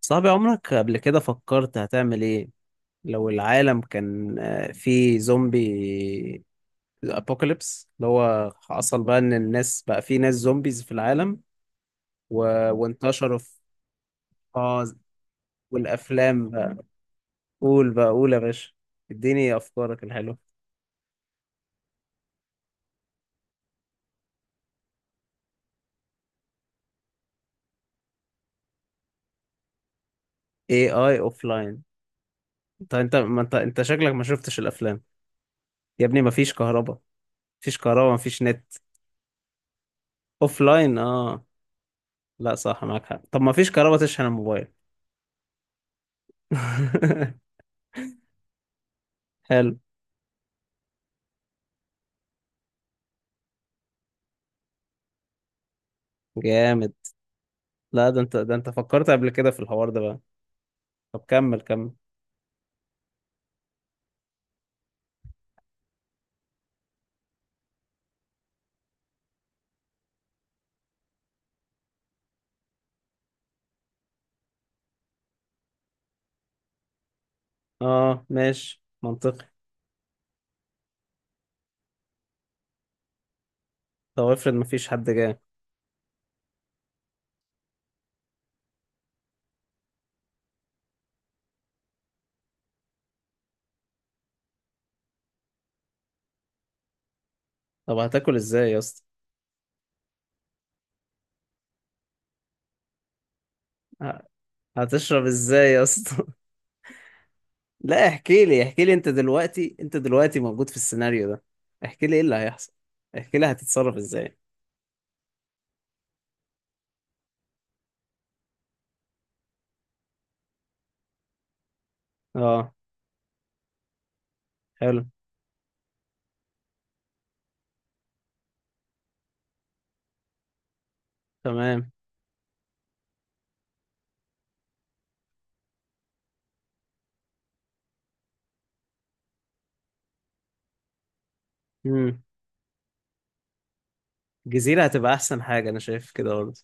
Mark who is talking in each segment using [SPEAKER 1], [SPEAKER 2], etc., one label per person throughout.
[SPEAKER 1] صاحبي، عمرك قبل كده فكرت هتعمل ايه لو العالم كان فيه زومبي ابوكاليبس اللي هو حصل بقى ان الناس، بقى فيه ناس زومبيز في العالم؟ و... وانتشروا في اه والافلام بقى. قول بقى، قول يا باشا. اديني افكارك الحلوه. AI اوف لاين. انت ما انت شكلك ما شفتش الافلام. يا ابني، ما فيش كهرباء، ما فيش نت. اوف لاين، اه. لا، صح، معاك حق. طب ما فيش كهرباء تشحن الموبايل. حلو. جامد. لا، ده انت، ده انت فكرت قبل كده في الحوار ده بقى. طب كمل، كمل. اه، ماشي، منطقي. طب افرض مفيش حد جاي. طب هتاكل ازاي يا اسطى؟ ه- هتشرب ازاي يا اسطى؟ لا، احكي لي، انت دلوقتي، موجود في السيناريو ده. احكي لي ايه اللي هيحصل، احكي لي هتتصرف ازاي. اه، حلو. تمام. امم. جزيرة هتبقى احسن حاجة، انا شايف كده برضه.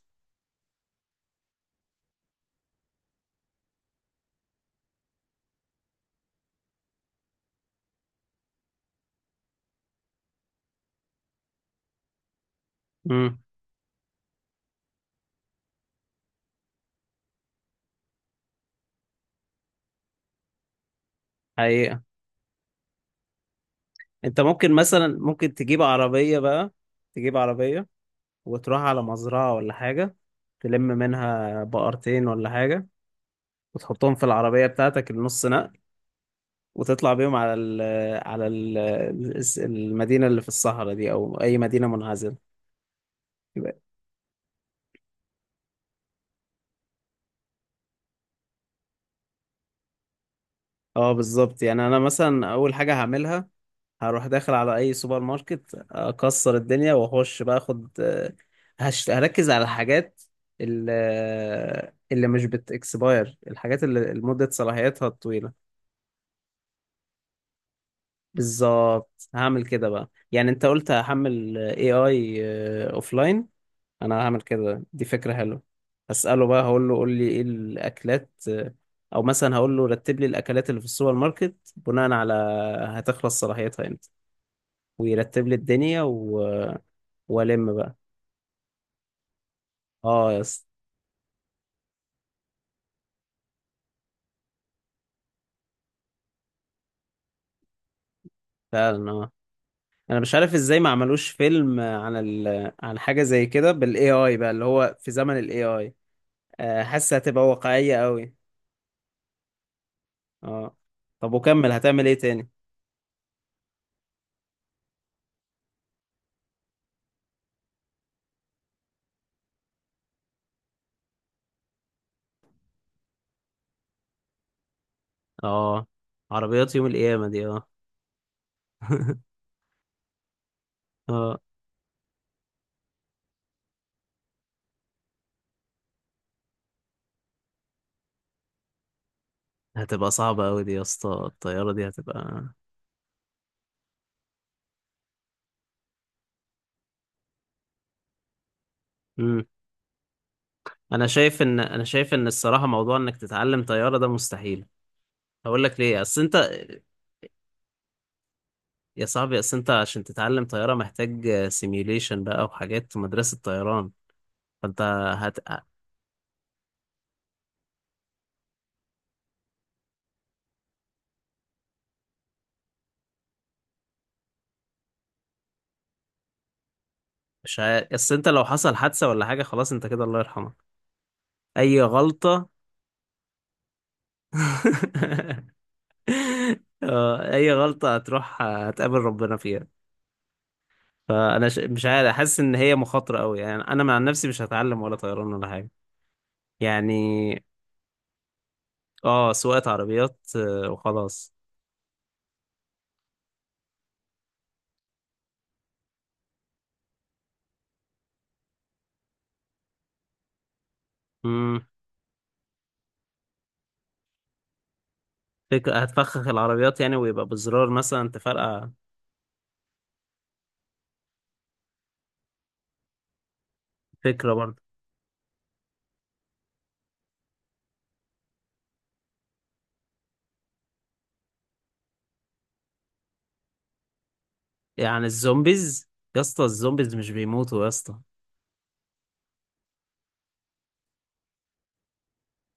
[SPEAKER 1] امم. حقيقة. انت ممكن مثلا، ممكن تجيب عربية بقى. تجيب عربية وتروح على مزرعة ولا حاجة، تلم منها بقرتين ولا حاجة، وتحطهم في العربية بتاعتك النص نقل، وتطلع بيهم على المدينة اللي في الصحراء دي، أو أي مدينة منعزلة. يبقى- اه، بالظبط. يعني أنا مثلا أول حاجة هعملها، هروح داخل على أي سوبر ماركت، أكسر الدنيا وأخش بقى، هركز على الحاجات، ال- اللي مش بت expire، الحاجات اللي مدة صلاحيتها الطويلة. بالظبط، هعمل كده بقى. يعني انت قلت هحمل AI اوفلاين. انا هعمل كده، دي فكرة حلوة. هسأله بقى، هقول له قول لي ايه الاكلات، او مثلا هقول له رتب لي الاكلات اللي في السوبر ماركت بناء على هتخلص صلاحيتها امتى، ويرتب لي الدنيا و... آه، والم بقى. اه يا اسطى. فعلا، اه. انا مش عارف ازاي ما عملوش فيلم عن عن حاجة زي كده بالاي اي بقى، اللي هو في زمن الاي اي. حاسة هتبقى واقعية قوي، اه. طب، وكمل هتعمل ايه تاني؟ اه، عربيات يوم القيامة دي، اه. اه، هتبقى صعبة أوي دي يا اسطى. الطيارة دي هتبقى. مم. أنا شايف إن الصراحة موضوع إنك تتعلم طيارة ده مستحيل. هقول لك ليه. أصل أنت يا صاحبي، أصل أنت عشان تتعلم طيارة محتاج سيميوليشن بقى وحاجات مدرسة طيران. فأنت هت مش ه... أصل أنت لو حصل حادثة ولا حاجة، خلاص أنت كده الله يرحمك. أي غلطة. اي غلطة هتروح هتقابل ربنا فيها. مش عارف، حاسس ان هي مخاطرة قوي. يعني انا مع نفسي مش هتعلم ولا طيران ولا حاجة. يعني اه، سواقة عربيات وخلاص. امم. فكرة. هتفخخ العربيات يعني، ويبقى بزرار مثلا تفرقع. فكرة برضه. يعني الزومبيز، يا اسطى الزومبيز مش بيموتوا يا اسطى.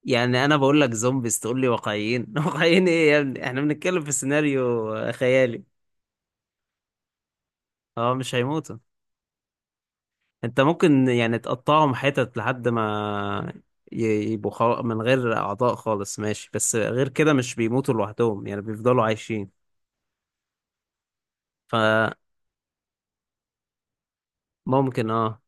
[SPEAKER 1] يعني انا بقول لك زومبيز تقول لي واقعيين. واقعيين ايه يا ابني؟ احنا بنتكلم في سيناريو خيالي. اه، مش هيموتوا. انت ممكن يعني تقطعهم حتت لحد ما يبقوا من غير اعضاء خالص، ماشي، بس غير كده مش بيموتوا لوحدهم، يعني بيفضلوا عايشين. فممكن، اه،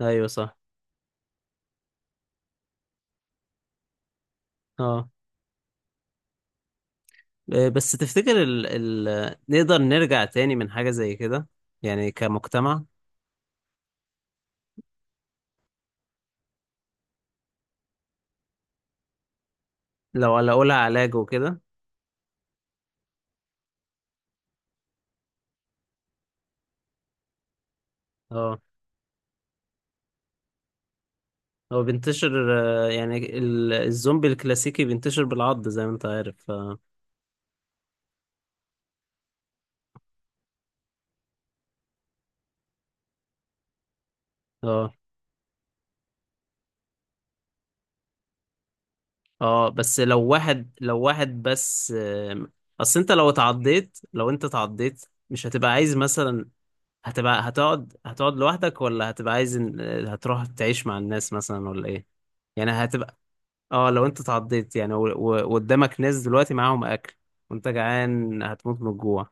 [SPEAKER 1] ايوه صح، اه. بس تفتكر نقدر نرجع تاني من حاجة زي كده، يعني كمجتمع؟ لو لها علاج وكده. اه، هو بينتشر يعني الزومبي الكلاسيكي بينتشر بالعض، زي ما انت عارف. اه. اه، بس لو واحد، لو واحد بس، اصل انت لو اتعضيت، لو انت اتعضيت مش هتبقى عايز مثلا، هتبقى هتقعد هتقعد لوحدك، ولا هتبقى عايز هتروح تعيش مع الناس مثلا ولا ايه؟ يعني هتبقى اه، لو انت اتعضيت يعني وقدامك ناس دلوقتي معاهم اكل، وانت جعان هتموت من الجوع،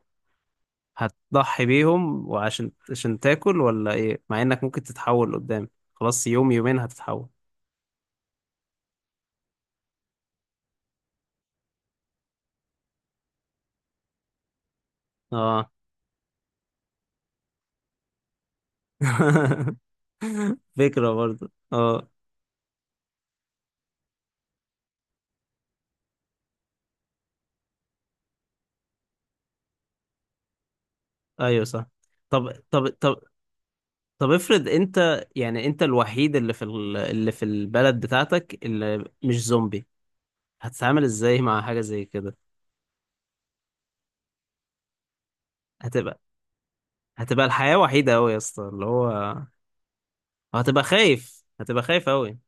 [SPEAKER 1] هتضحي بيهم وعشان تاكل ولا ايه مع انك ممكن تتحول قدام؟ خلاص يوم يومين هتتحول. اه. فكرة برضه، اه، ايوه صح. طب طب طب طب افرض انت، يعني انت الوحيد اللي في اللي في البلد بتاعتك اللي مش زومبي، هتتعامل ازاي مع حاجة زي كده؟ هتبقى، هتبقى الحياة وحيدة قوي يا اسطى اللي هو، هتبقى خايف، قوي.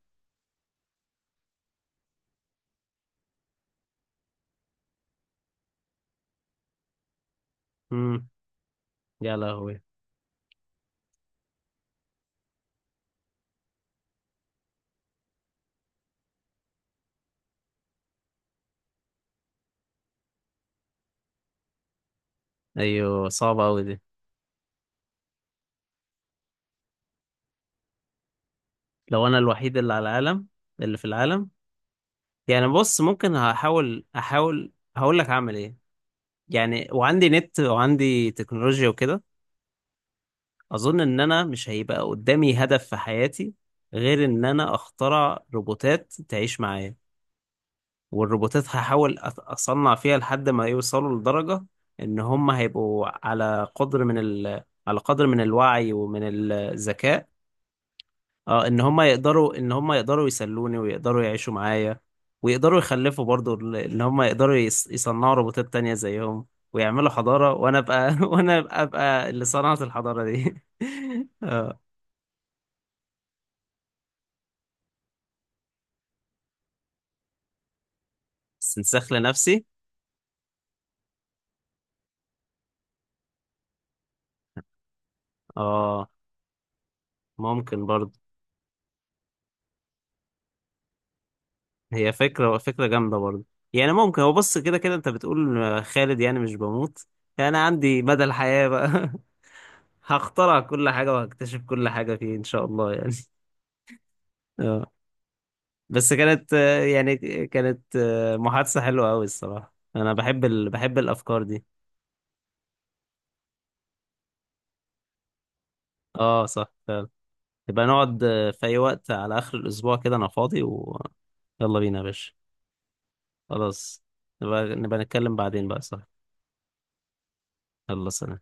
[SPEAKER 1] امم. يا لهوي، ايوه صعبة قوي دي. لو انا الوحيد اللي على العالم، اللي في العالم، يعني بص، ممكن هحاول، احاول هقول لك هعمل ايه، يعني وعندي نت وعندي تكنولوجيا وكده. اظن ان انا مش هيبقى قدامي هدف في حياتي غير ان انا اخترع روبوتات تعيش معايا. والروبوتات هحاول اصنع فيها لحد ما يوصلوا لدرجة ان هم هيبقوا على قدر من على قدر من الوعي ومن الذكاء. اه، ان هم يقدروا، يسلوني ويقدروا يعيشوا معايا، ويقدروا يخلفوا برضو، ان هم يقدروا يصنعوا روبوتات تانية زيهم، ويعملوا حضارة، وانا ابقى وانا أبقى اللي صنعت الحضارة دي. اه. استنساخ لنفسي، اه، ممكن برضه. هي فكرة، فكرة جامدة برضه. يعني ممكن، هو بص، كده كده انت بتقول خالد يعني مش بموت، يعني انا عندي مدى الحياة بقى. هخترع كل حاجة وهكتشف كل حاجة، فيه ان شاء الله يعني. اه، بس كانت محادثة حلوة قوي الصراحة، انا بحب بحب الافكار دي. اه صح، فعلا. يبقى نقعد في اي وقت على اخر الاسبوع كده، انا فاضي يلا بينا يا باشا. خلاص. نبقى نتكلم بعدين بقى، صح؟ يلا، سلام.